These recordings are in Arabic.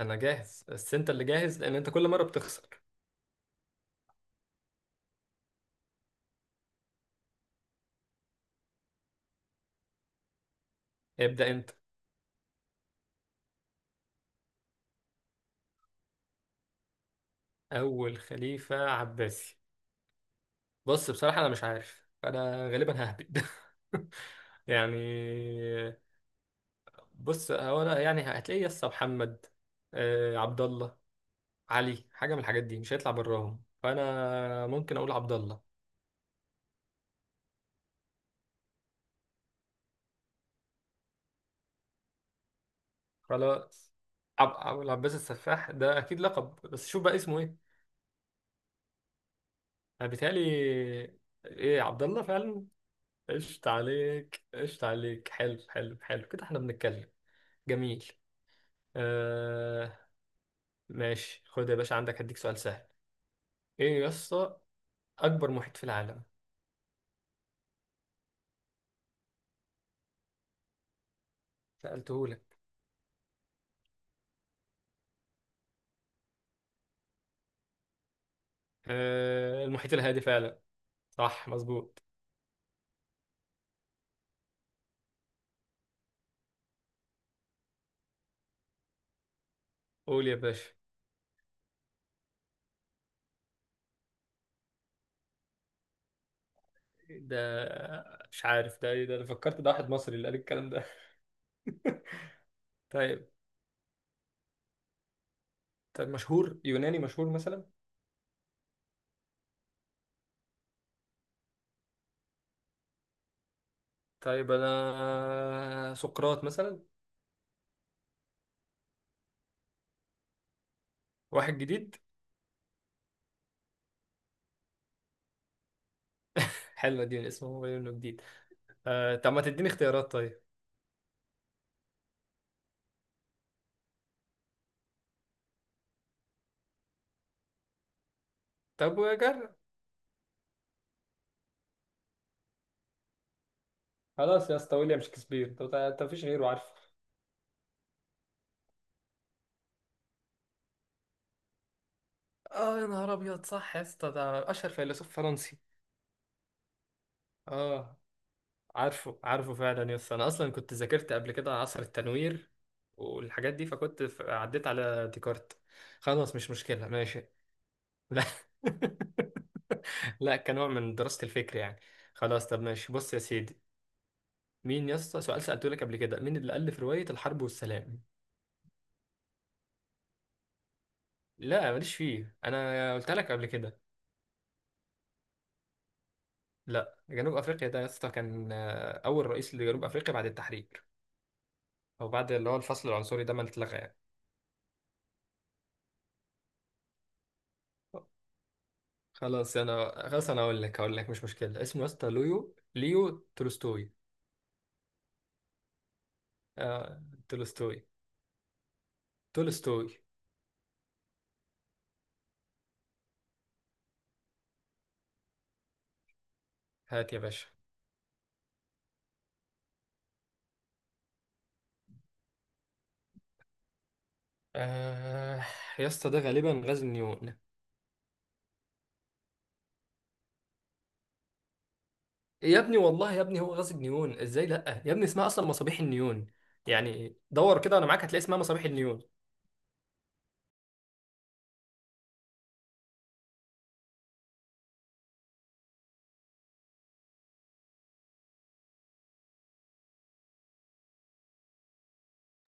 انا جاهز، بس انت اللي جاهز لان انت كل مره بتخسر. ابدا انت. اول خليفه عباسي؟ بص، بصراحه انا مش عارف، انا غالبا ههبد. يعني بص هو انا يعني هتلاقي يس محمد، عبد الله، علي حاجه من الحاجات دي، مش هيطلع براهم، فانا ممكن اقول عبد الله. خلاص. العباس السفاح ده اكيد لقب، بس شوف بقى اسمه ايه. انا بيتهيألي. ايه، عبد الله فعلا. قشط عليك، قشط عليك، حلو حلو حلو، كده احنا بنتكلم. جميل. آه ماشي، خد يا باشا عندك، هديك سؤال سهل. ايه يا اسطى؟ اكبر محيط في العالم. سألته لك. آه، المحيط الهادي فعلا. صح، مظبوط. قول يا باشا. ده مش عارف ده، ايه ده؟ انا فكرت ده واحد مصري اللي قال الكلام ده. طيب. طيب، مشهور يوناني مشهور مثلا؟ طيب انا سقراط مثلا. واحد جديد؟ حلو، اديني اسمه هو انه جديد. آه، طب ما تديني اختيارات طيب. طب وجرب. خلاص يا اسطى، ويليام شكسبير. طب انت مفيش غيره عارفه؟ اه يا نهار ابيض، صح يا اسطى، ده اشهر فيلسوف فرنسي. اه، عارفه عارفه فعلا يا اسطى. انا اصلا كنت ذاكرت قبل كده عصر التنوير والحاجات دي، عديت على ديكارت. خلاص، مش مشكلة، ماشي. لا. لا، كنوع من دراسة الفكر يعني. خلاص، طب ماشي، بص يا سيدي. مين يا اسطى سؤال سألته لك قبل كده: مين اللي ألف رواية الحرب والسلام؟ لا، ماليش فيه، انا قلت لك قبل كده. لا، جنوب افريقيا ده يا اسطى كان اول رئيس لجنوب افريقيا بعد التحرير، او بعد اللي هو الفصل العنصري ده ما اتلغى يعني. خلاص انا، خلاص انا اقول لك، اقول لك مش مشكله. اسمه يا اسطى ليو تولستوي. آه... تولستوي. تولستوي. هات يا باشا. آه... يا اسطى ده غالبا غاز النيون. يا ابني والله يا ابني هو غاز النيون ازاي؟ لا يا ابني، اسمها اصلا مصابيح النيون يعني. دور كده انا معاك، هتلاقي اسمها مصابيح النيون.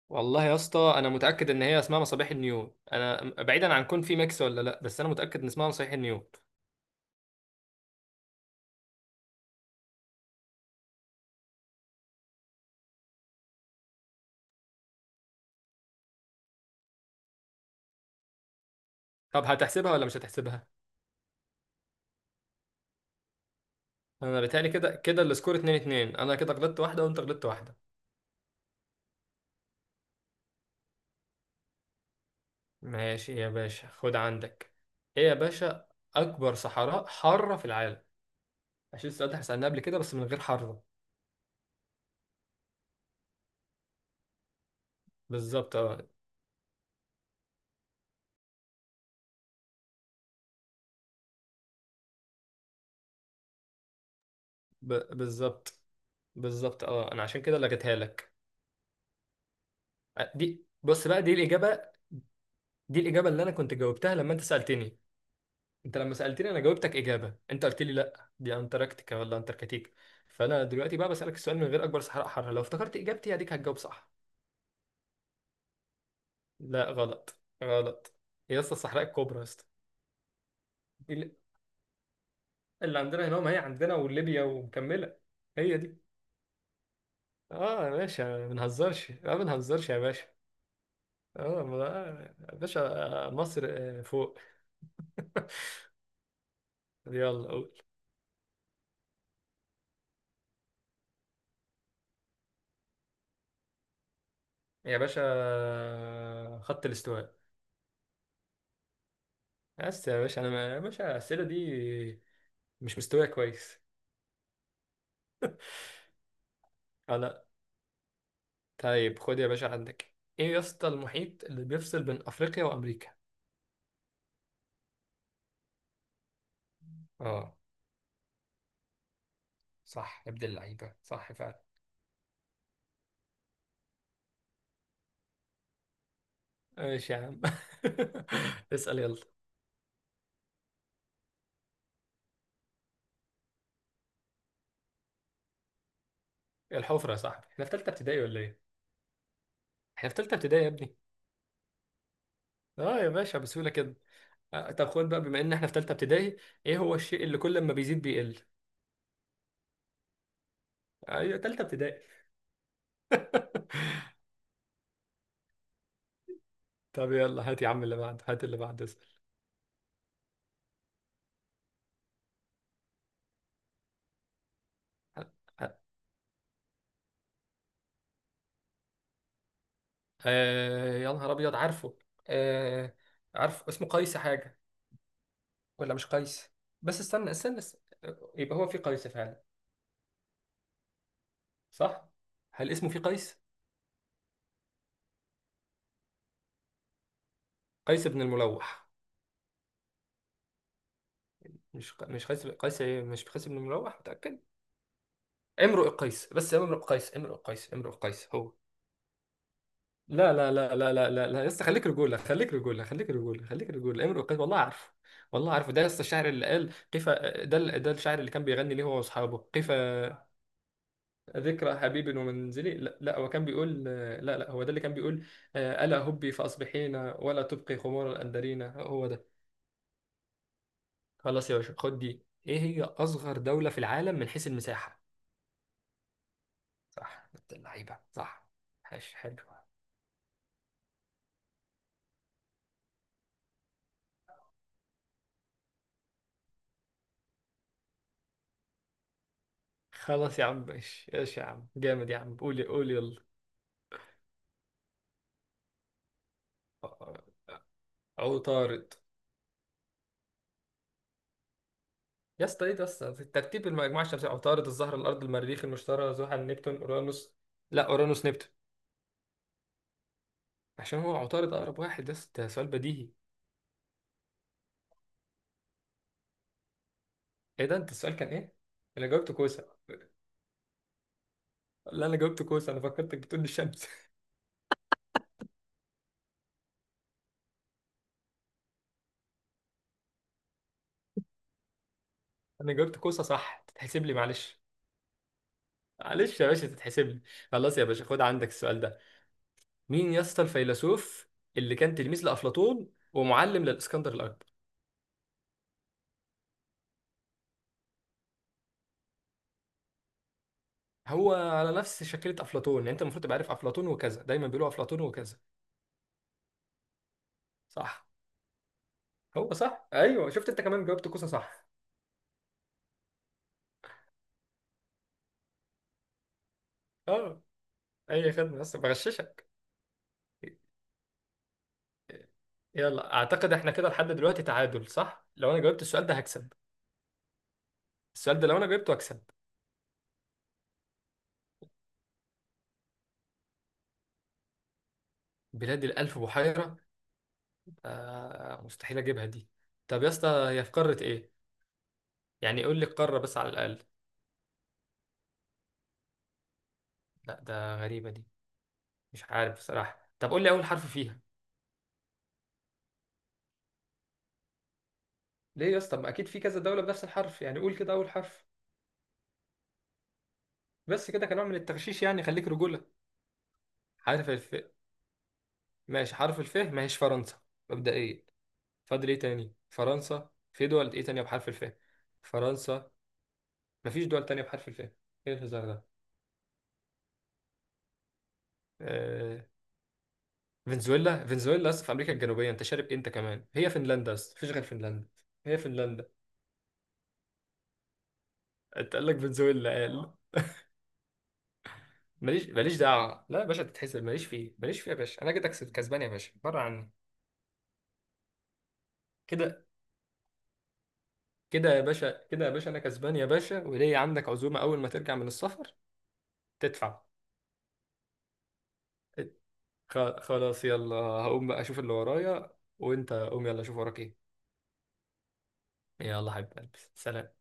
والله يا اسطى انا متاكد ان هي اسمها مصابيح النيون. انا بعيدا عن كون في ميكس ولا لا، بس انا متاكد ان اسمها مصابيح النيون. طب هتحسبها ولا مش هتحسبها؟ انا بيتهيألي كده كده السكور 2 2. انا كده غلطت واحده وانت غلطت واحده. ماشي يا باشا، خد عندك. ايه يا باشا؟ اكبر صحراء حاره في العالم. عشان السؤال ده سالناه قبل كده بس من غير حاره. بالظبط، اه. بالظبط. بالظبط اه، انا عشان كده لغيتها لك. دي بص بقى، دي الاجابه. دي الاجابه اللي انا كنت جاوبتها لما انت سالتني. انت لما سألتني انا جاوبتك اجابة، انت قلت لي لا دي انتاركتيكا ولا انتاركتيكا. فانا دلوقتي بقى بسألك السؤال من غير اكبر صحراء حارة، لو افتكرت اجابتي هديك هتجاوب صح. لا، غلط. غلط. يا اسطى الصحراء الكبرى يا اسطى. دي اللي عندنا هنا، ما هي عندنا وليبيا ومكملة. هي دي. اه يا باشا، ما بنهزرش ما بنهزرش يا باشا. يا باشا، مصر فوق. يلا قول. يا باشا خط الاستواء. بس يا باشا انا يا باشا الاسئله دي مش مستوايا كويس. اه لا. طيب خد يا باشا عندك. ايه يا اسطى المحيط اللي بيفصل بين افريقيا وامريكا؟ اه، صح يا ابن اللعيبه، صح فعلا. ماشي يا عم. اسال يلا. الحفره يا صاحبي. احنا في ثالثه ابتدائي ولا ايه؟ احنا في ثالثه ابتدائي يا ابني. اه يا باشا، بسهوله كده. آه طب خد بقى، بما ان احنا في ثالثه ابتدائي، ايه هو الشيء اللي كل ما بيزيد بيقل؟ ايوه، ثالثه ابتدائي. طب يلا هات يا عم اللي بعده، هات اللي بعده، اسال. آه يا نهار ابيض، عارفه. آه. عارف اسمه قيس حاجه، ولا مش قيس؟ بس استنى، استنى. يبقى هو في قيس فعلا. صح. هل اسمه في قيس؟ قيس بن الملوح. مش قيس، قيس إيه؟ مش قيس بن الملوح، متأكد؟ امرؤ قيس، بس امرؤ قيس، امرؤ قيس، امرؤ قيس هو. لا لا لا لا لا لا لا، لسه، خليك رجولة، خليك رجولة، خليك رجولة، خليك رجولة. امرؤ قيس، والله عارفه. والله عارفه، ده لسه الشاعر اللي قال قيف، ده الشاعر اللي كان بيغني ليه هو واصحابه قيف ذكرى حبيب ومنزلي. لا, لا، هو كان بيقول، لا لا هو ده اللي كان بيقول ألا هبي فأصبحين ولا تبقي خمور الأندرين، هو ده. خلاص يا باشا خد، دي إيه هي أصغر دولة في العالم من حيث المساحة؟ صح، بنت اللعيبة، صح. ماشي، حلو. خلاص يا عم، ماشي، ايش يا عم، جامد يا عم، قول قول يلا. عطارد. يا اسطى ايه ده يا اسطى، ترتيب المجموعة الشمسية: عطارد، الزهرة، الأرض، المريخ، المشتري، زحل، نبتون، أورانوس. لا، أورانوس نبتون. عشان هو عطارد أقرب واحد يا اسطى، ده سؤال بديهي. ايه ده، انت السؤال كان ايه؟ انا جاوبت كوسه. لا انا جاوبت كوسه، انا فكرتك بتقول لي الشمس. انا جاوبت كوسه صح، تتحسب لي معلش. معلش يا باشا، تتحسب لي. خلاص يا باشا خد عندك السؤال ده. مين يا اسطى الفيلسوف اللي كان تلميذ لافلاطون ومعلم للاسكندر الاكبر؟ هو على نفس شكلة افلاطون يعني، انت المفروض تبقى عارف، افلاطون وكذا دايما بيقولوا افلاطون وكذا. صح. هو صح، ايوه، شفت انت كمان جاوبت كوسه صح. اه، اي خدمه، بس بغششك. يلا، اعتقد احنا كده لحد دلوقتي تعادل، صح؟ لو انا جاوبت السؤال ده هكسب. السؤال ده لو انا جبته اكسب. بلاد الالف بحيره؟ آه، مستحيل اجيبها دي. طب يا اسطى هي في قاره ايه؟ يعني قول لي القاره بس على الاقل. لا، ده غريبه دي. مش عارف بصراحه. طب قول لي اول حرف فيها. ليه يا اسطى؟ ما اكيد في كذا دوله بنفس الحرف، يعني قول كده اول حرف بس، كده كنوع من التغشيش يعني، خليك رجوله. حرف الف. ماشي حرف الف. ما هيش فرنسا مبدئيا؟ فاضل ايه تاني؟ فرنسا. في دول ايه تانية بحرف الف؟ فرنسا. مفيش دول تانية بحرف الف، ايه الهزار ده؟ آه، فنزويلا؟ فنزويلا اصلا في امريكا الجنوبيه، انت شارب إيه انت كمان؟ هي فنلندا اصلا، مفيش غير فنلندا. هي فنلندا. انت قال لك فنزويلا، قال. ماليش، ماليش دعوه، لا يا باشا تتحسب، ماليش فيه، ماليش فيه يا باشا، انا كده كسب، كسبان يا باشا، بره عني. كده كده يا باشا، كده يا باشا انا كسبان يا باشا، وليا عندك عزومه اول ما ترجع من السفر. تدفع. خلاص، يلا هقوم بقى اشوف اللي ورايا. وانت قوم يلا، شوف وراك ايه. يلا حبيبي. سلام.